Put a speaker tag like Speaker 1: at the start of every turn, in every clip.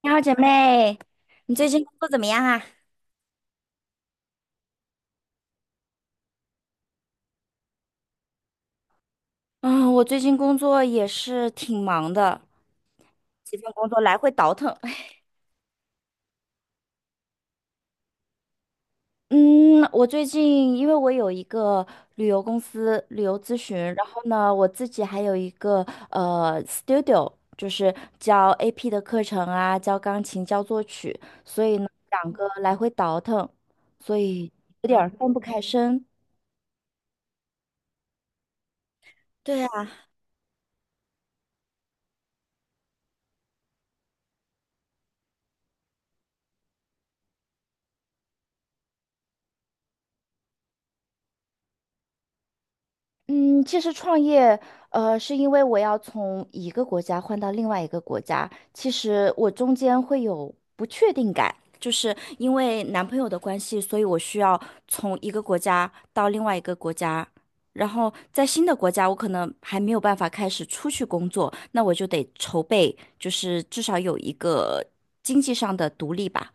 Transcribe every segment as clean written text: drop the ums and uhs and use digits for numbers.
Speaker 1: 你好，姐妹，你最近工作怎么样啊？嗯，我最近工作也是挺忙的，几份工作来回倒腾。嗯，我最近因为我有一个旅游公司旅游咨询，然后呢，我自己还有一个studio，就是教 AP 的课程啊，教钢琴，教作曲，所以呢，两个来回倒腾，所以有点儿分不开身。对。嗯，其实创业，是因为我要从一个国家换到另外一个国家，其实我中间会有不确定感，就是因为男朋友的关系，所以我需要从一个国家到另外一个国家，然后在新的国家，我可能还没有办法开始出去工作，那我就得筹备，就是至少有一个经济上的独立吧。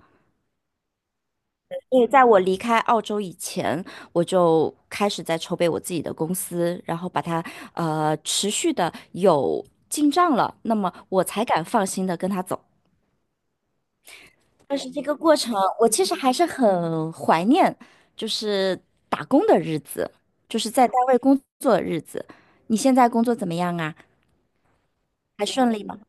Speaker 1: 因为在我离开澳洲以前，我就开始在筹备我自己的公司，然后把它持续的有进账了，那么我才敢放心的跟他走。但是这个过程，我其实还是很怀念，就是打工的日子，就是在单位工作的日子。你现在工作怎么样啊？还顺利吗？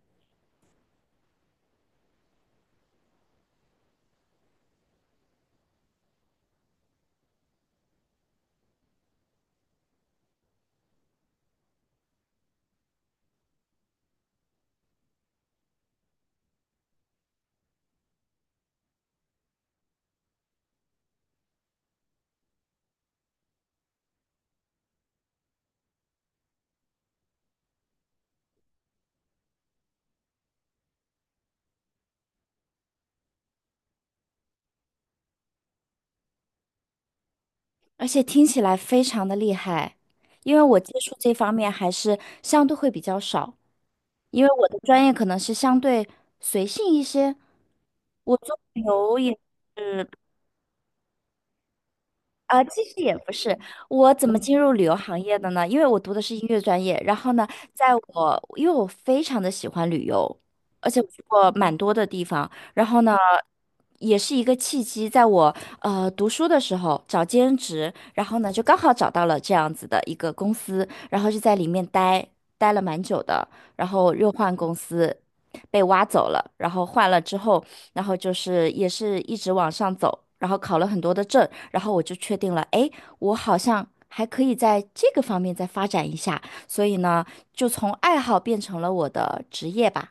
Speaker 1: 而且听起来非常的厉害，因为我接触这方面还是相对会比较少。因为我的专业可能是相对随性一些，我做旅游也是啊，其实也不是，我怎么进入旅游行业的呢？因为我读的是音乐专业，然后呢，在我我非常的喜欢旅游，而且我去过蛮多的地方，然后呢，也是一个契机，在我读书的时候找兼职，然后呢就刚好找到了这样子的一个公司，然后就在里面待了蛮久的，然后又换公司，被挖走了，然后换了之后，然后就是也是一直往上走，然后考了很多的证，然后我就确定了，哎，我好像还可以在这个方面再发展一下，所以呢，就从爱好变成了我的职业吧。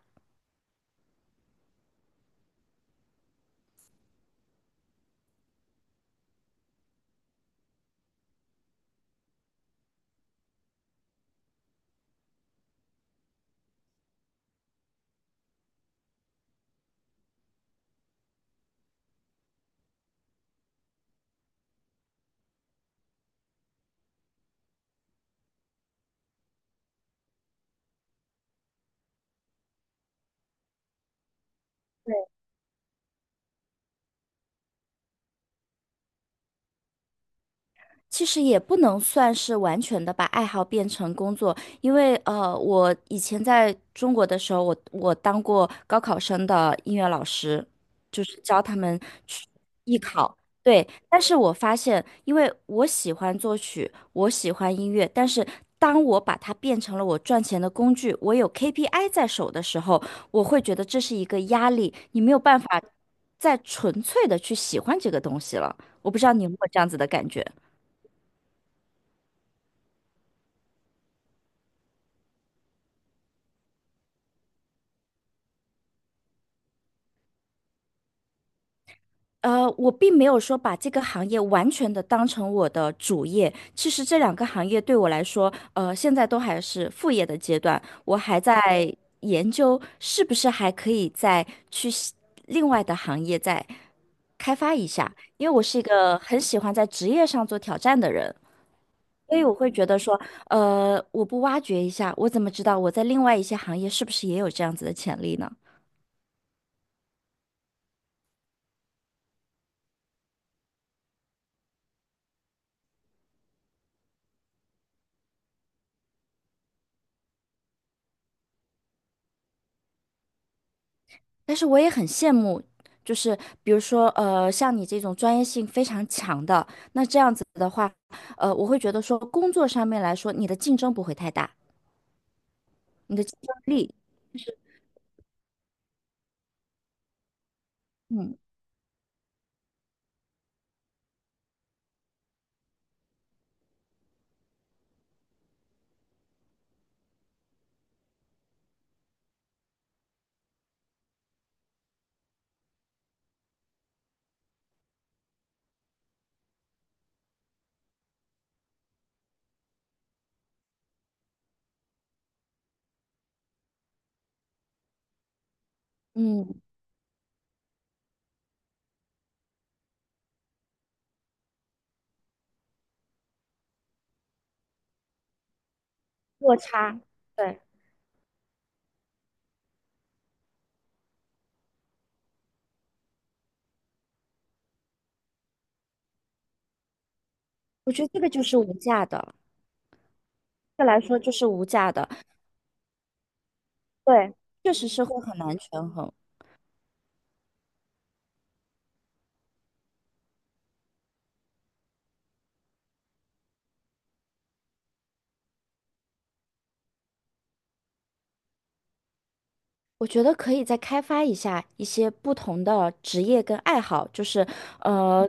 Speaker 1: 其实也不能算是完全的把爱好变成工作，因为我以前在中国的时候，我当过高考生的音乐老师，就是教他们去艺考。对，但是我发现，因为我喜欢作曲，我喜欢音乐，但是当我把它变成了我赚钱的工具，我有 KPI 在手的时候，我会觉得这是一个压力，你没有办法再纯粹的去喜欢这个东西了。我不知道你有没有这样子的感觉。呃，我并没有说把这个行业完全的当成我的主业。其实这两个行业对我来说，现在都还是副业的阶段，我还在研究是不是还可以再去西另外的行业再开发一下，因为我是一个很喜欢在职业上做挑战的人，所以我会觉得说，我不挖掘一下，我怎么知道我在另外一些行业是不是也有这样子的潜力呢？但是我也很羡慕，就是比如说，像你这种专业性非常强的，那这样子的话，我会觉得说，工作上面来说，你的竞争不会太大，你的竞争力，嗯。嗯，落差，对，我觉得这个就是无价的，这来说就是无价的。对，确实是会很难权衡。我觉得可以再开发一下一些不同的职业跟爱好，就是呃，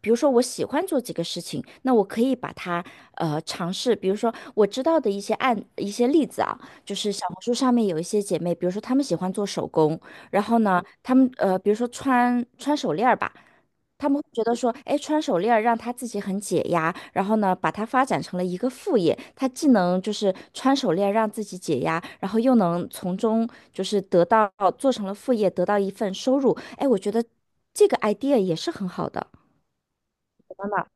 Speaker 1: 比如说我喜欢做几个事情，那我可以把它尝试，比如说我知道的一些例子啊，就是小红书上面有一些姐妹，比如说她们喜欢做手工，然后呢，她们比如说穿手链儿吧。他们会觉得说，哎，穿手链儿让他自己很解压，然后呢，把它发展成了一个副业。他既能就是穿手链让自己解压，然后又能从中就是得到，做成了副业，得到一份收入。哎，我觉得这个 idea 也是很好的。真的。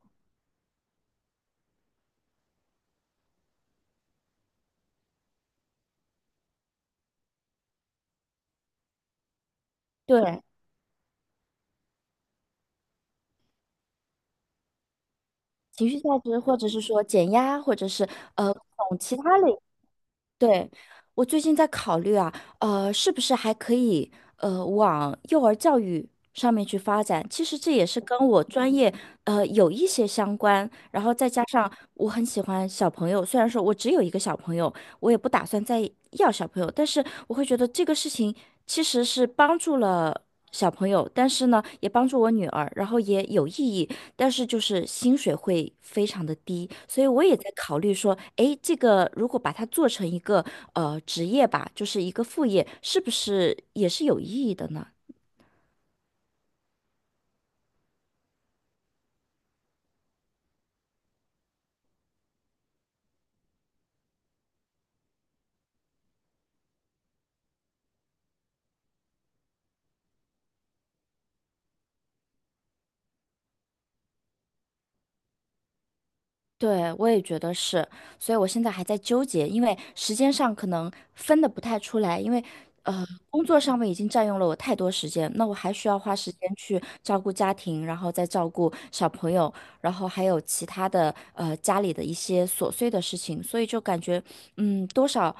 Speaker 1: 对，情绪价值，或者是说减压，或者是从其他类。对，我最近在考虑啊，是不是还可以往幼儿教育上面去发展？其实这也是跟我专业有一些相关，然后再加上我很喜欢小朋友，虽然说我只有一个小朋友，我也不打算再要小朋友，但是我会觉得这个事情其实是帮助了小朋友，但是呢，也帮助我女儿，然后也有意义，但是就是薪水会非常的低，所以我也在考虑说，诶，这个如果把它做成一个职业吧，就是一个副业，是不是也是有意义的呢？对，我也觉得是，所以我现在还在纠结，因为时间上可能分的不太出来，因为工作上面已经占用了我太多时间，那我还需要花时间去照顾家庭，然后再照顾小朋友，然后还有其他的家里的一些琐碎的事情，所以就感觉多少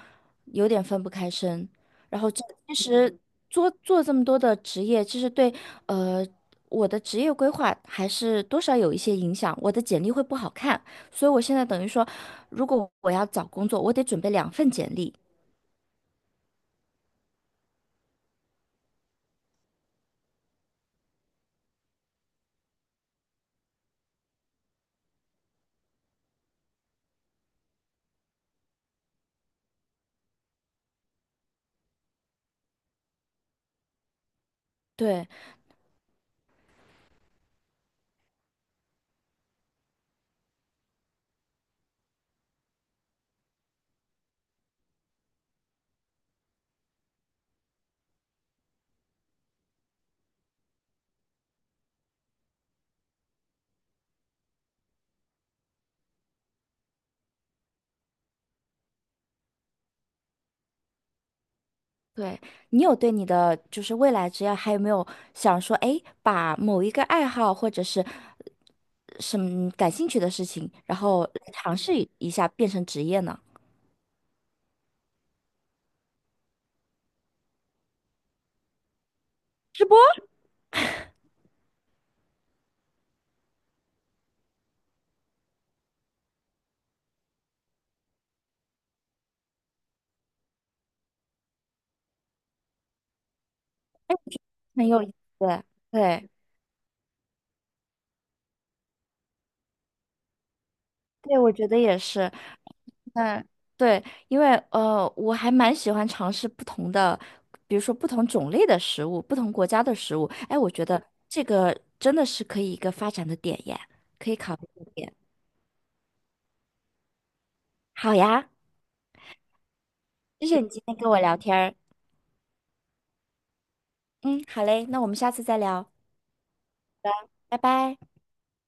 Speaker 1: 有点分不开身。然后这其实做这么多的职业，其实对呃我的职业规划还是多少有一些影响，我的简历会不好看。所以我现在等于说，如果我要找工作，我得准备两份简历。对。对，你有对你的就是未来职业还有没有想说，哎，把某一个爱好或者是什么感兴趣的事情，然后来尝试一下变成职业呢？直播。很有意思。对。对，我觉得也是。嗯，对，因为我还蛮喜欢尝试不同的，比如说不同种类的食物，不同国家的食物。哎，我觉得这个真的是可以一个发展的点耶，可以考虑的点。好呀，谢谢你今天跟我聊天儿。嗯，好嘞，那我们下次再聊，拜拜。